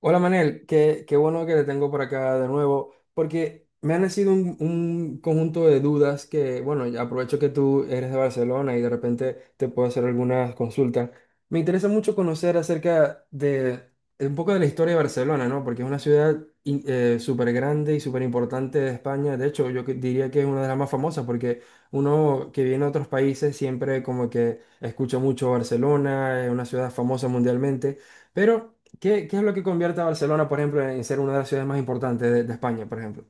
Hola Manel, qué bueno que te tengo por acá de nuevo, porque me han nacido un conjunto de dudas que, bueno, ya aprovecho que tú eres de Barcelona y de repente te puedo hacer algunas consultas. Me interesa mucho conocer acerca de un poco de la historia de Barcelona, ¿no? Porque es una ciudad súper grande y súper importante de España. De hecho, diría que es una de las más famosas porque uno que viene a otros países siempre como que escucha mucho Barcelona, es una ciudad famosa mundialmente. Pero, ¿qué es lo que convierte a Barcelona, por ejemplo, en ser una de las ciudades más importantes de España, por ejemplo?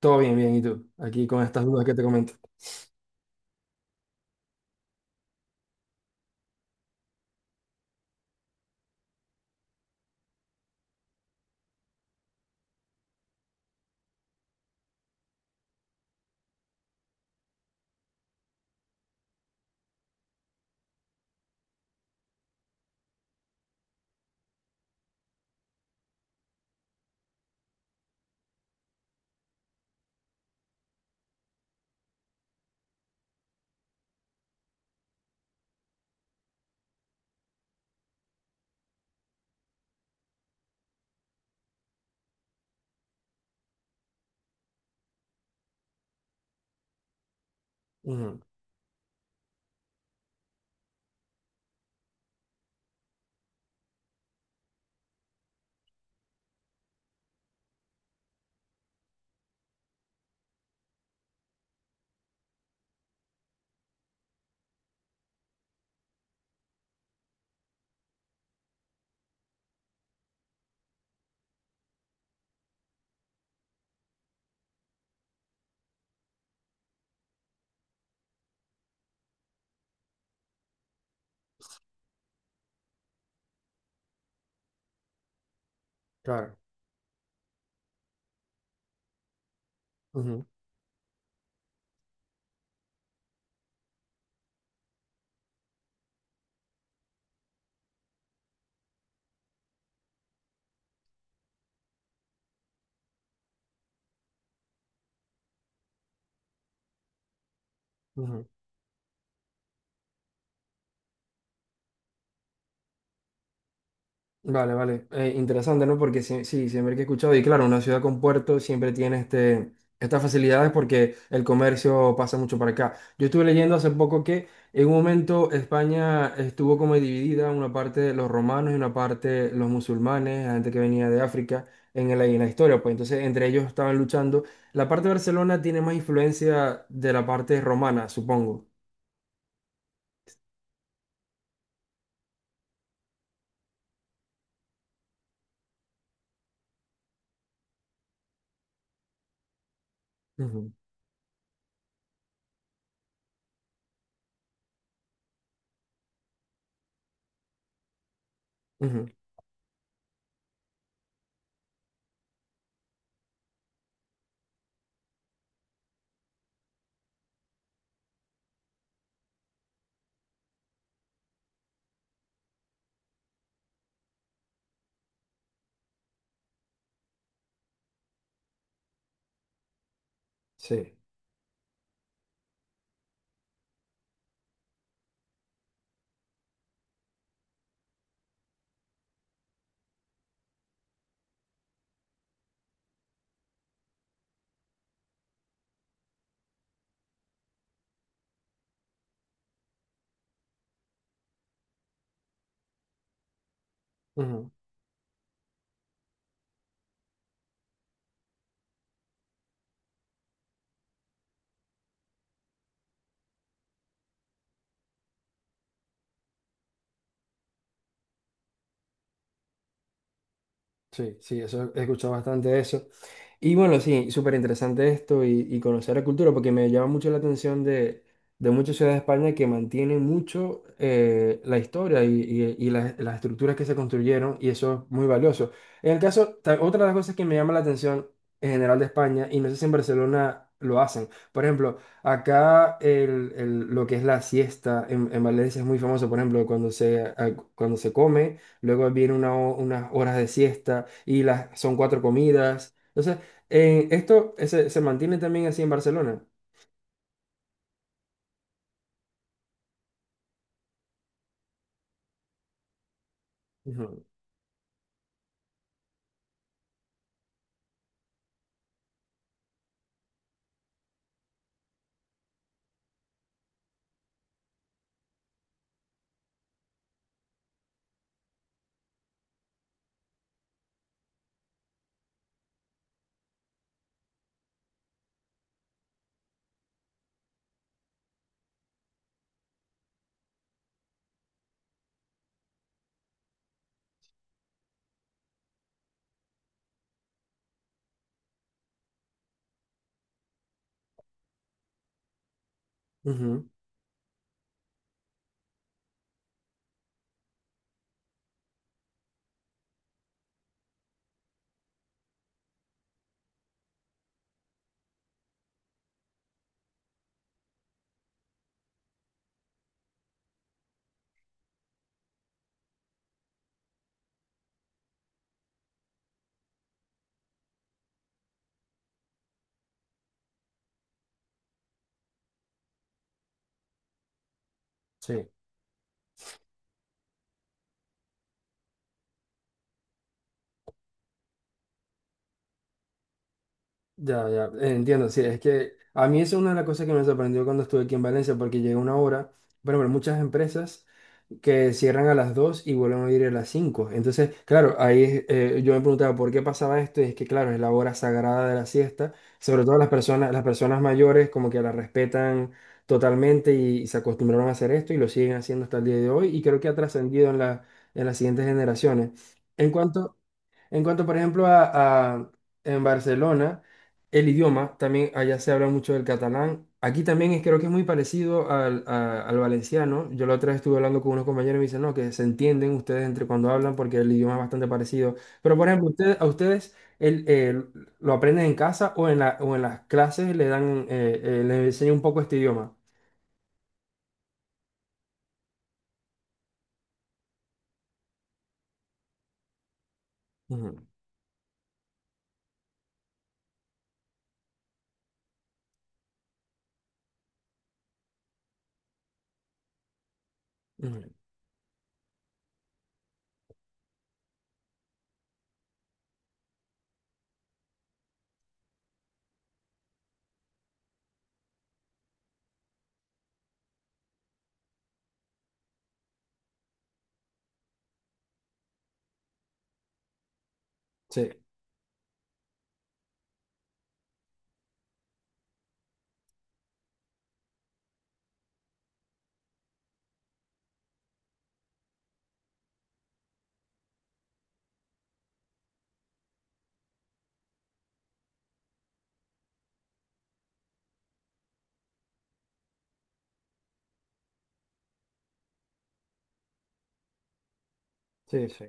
Todo bien, bien, ¿y tú? Aquí con estas dudas que te comento. Ujú, claro. Ujú, ujú. Vale, vale. Interesante, ¿no? Porque sí, sí, siempre que he escuchado, y claro, una ciudad con puerto siempre tiene estas facilidades porque el comercio pasa mucho para acá. Yo estuve leyendo hace poco que en un momento España estuvo como dividida, una parte de los romanos y una parte de los musulmanes, la gente que venía de África en la historia, pues entonces entre ellos estaban luchando. La parte de Barcelona tiene más influencia de la parte romana, supongo. Ujú, ujú, sí, ujú, sí, sí, eso he escuchado bastante eso. Y bueno, sí, súper interesante esto y conocer la cultura, porque me llama mucho la atención de muchas ciudades de España que mantienen mucho la historia y, y las estructuras que se construyeron, y eso es muy valioso. En el caso, otra de las cosas que me llama la atención en general de España, y no sé si en Barcelona lo hacen, por ejemplo, acá el, lo que es la siesta en Valencia es muy famoso, por ejemplo, cuando cuando se come, luego viene una unas horas de siesta y las, son cuatro comidas. Entonces, en esto se mantiene también así en Barcelona. Ujú, ujú, sí. Ya, ya, entiendo, sí, es que a mí eso es una de las cosas que me sorprendió cuando estuve aquí en Valencia, porque llegué una hora, bueno, pero muchas empresas que cierran a las 2 y vuelven a abrir a las 5. Entonces, claro, ahí es, yo me preguntaba por qué pasaba esto, y es que, claro, es la hora sagrada de la siesta, sobre todo las personas mayores como que la respetan totalmente y, se acostumbraron a hacer esto y lo siguen haciendo hasta el día de hoy, y creo que ha trascendido en en las siguientes generaciones. En cuanto… En cuanto, por ejemplo, en Barcelona, el idioma, también allá se habla mucho del catalán. Aquí también es, creo que es muy parecido al, al valenciano. Yo la otra vez estuve hablando con unos compañeros y me dicen, no, que se entienden ustedes entre cuando hablan porque el idioma es bastante parecido. Pero, por ejemplo, ustedes, a ustedes el, lo aprenden en casa o en la, o en las clases le dan, les enseñan un poco este idioma. Ujú, ujú, sí, sí, sí.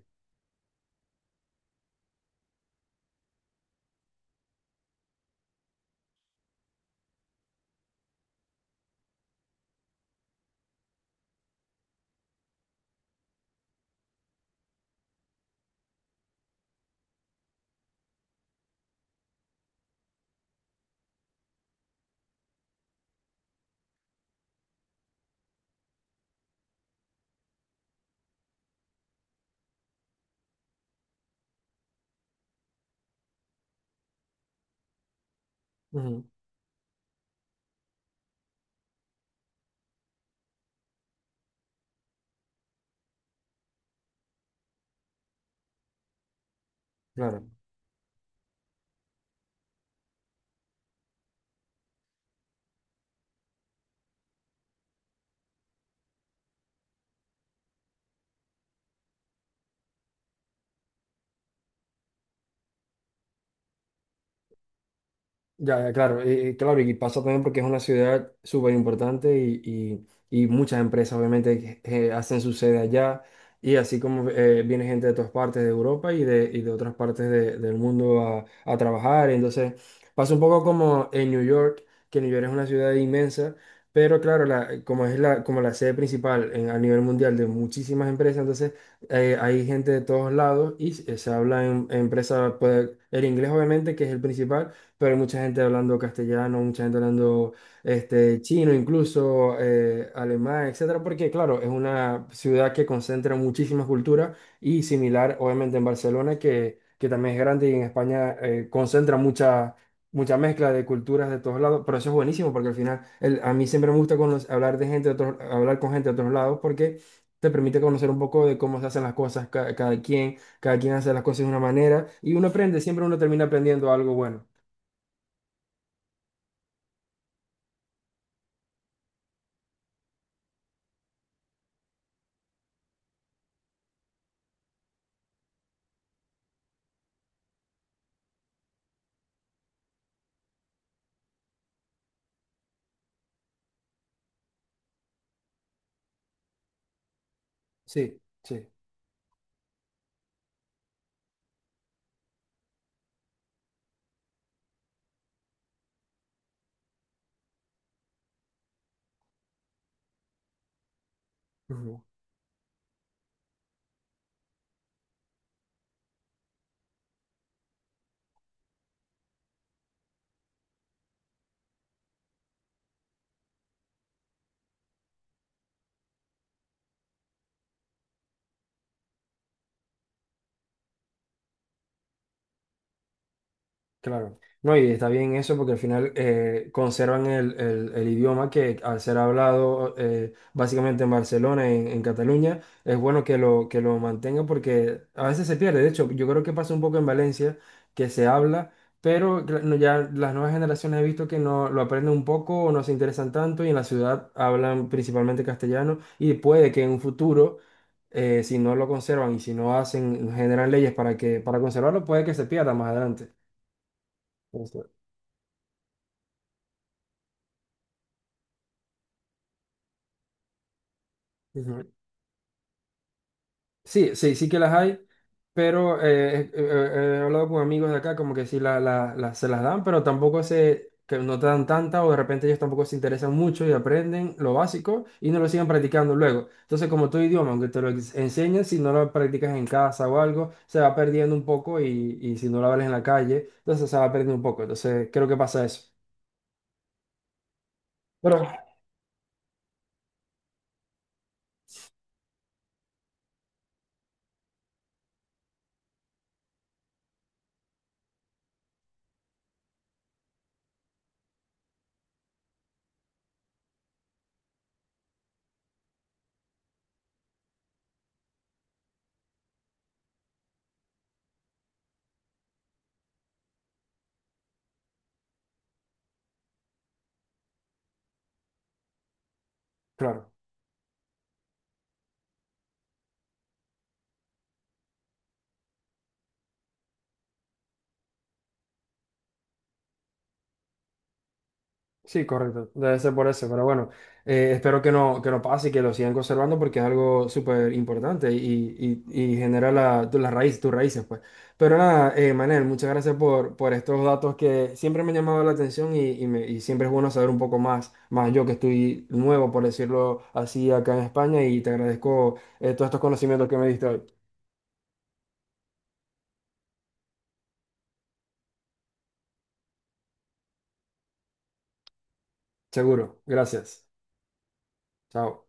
Ujú, claro. Ya, ya, claro, claro, y pasa también porque es una ciudad súper importante y, y muchas empresas obviamente hacen su sede allá y así como viene gente de todas partes de Europa y de otras partes del mundo a trabajar, entonces pasa un poco como en New York, que New York es una ciudad inmensa, pero claro, la, como es la, como la sede principal a nivel mundial de muchísimas empresas, entonces hay gente de todos lados y se habla en empresa, pues, el inglés obviamente, que es el principal, pero hay mucha gente hablando castellano, mucha gente hablando este, chino, incluso alemán, etcétera, porque claro, es una ciudad que concentra muchísimas culturas y similar, obviamente, en Barcelona, que también es grande y en España concentra mucha mezcla de culturas de todos lados, pero eso es buenísimo porque al final a mí siempre me gusta hablar de gente de otros- hablar con gente de otros lados porque te permite conocer un poco de cómo se hacen las cosas cada quien hace las cosas de una manera y uno aprende, siempre uno termina aprendiendo algo bueno. Sí, sí. Ujú. Claro. No, y está bien eso porque al final conservan el, el idioma que al ser hablado básicamente en Barcelona, en Cataluña, es bueno que lo mantengan porque a veces se pierde. De hecho, yo creo que pasa un poco en Valencia que se habla, pero no, ya las nuevas generaciones he visto que no lo aprenden un poco o no se interesan tanto y en la ciudad hablan principalmente castellano y puede que en un futuro… Eh, si no lo conservan y si no hacen, generan leyes para que, para conservarlo, puede que se pierda más adelante. Ujú. Sí, sí, sí que las hay, pero he hablado con amigos de acá como que sí la, se las dan, pero tampoco se, que no te dan tanta o de repente ellos tampoco se interesan mucho y aprenden lo básico y no lo siguen practicando luego. Entonces, como tu idioma, aunque te lo enseñen, si no lo practicas en casa o algo, se va perdiendo un poco y si no lo hablas en la calle, entonces se va perdiendo un poco. Entonces, creo que pasa eso. Pero, claro. Sí, correcto. Debe ser por eso. Pero bueno, espero que no pase y que lo sigan conservando porque es algo súper importante y genera la, la raíz, tus raíces, pues. Pero nada, Manel, muchas gracias por estos datos que siempre me han llamado la atención y, y siempre es bueno saber un poco más, más yo que estoy nuevo, por decirlo así, acá en España y te agradezco todos estos conocimientos que me diste hoy. Seguro. Gracias. Chao.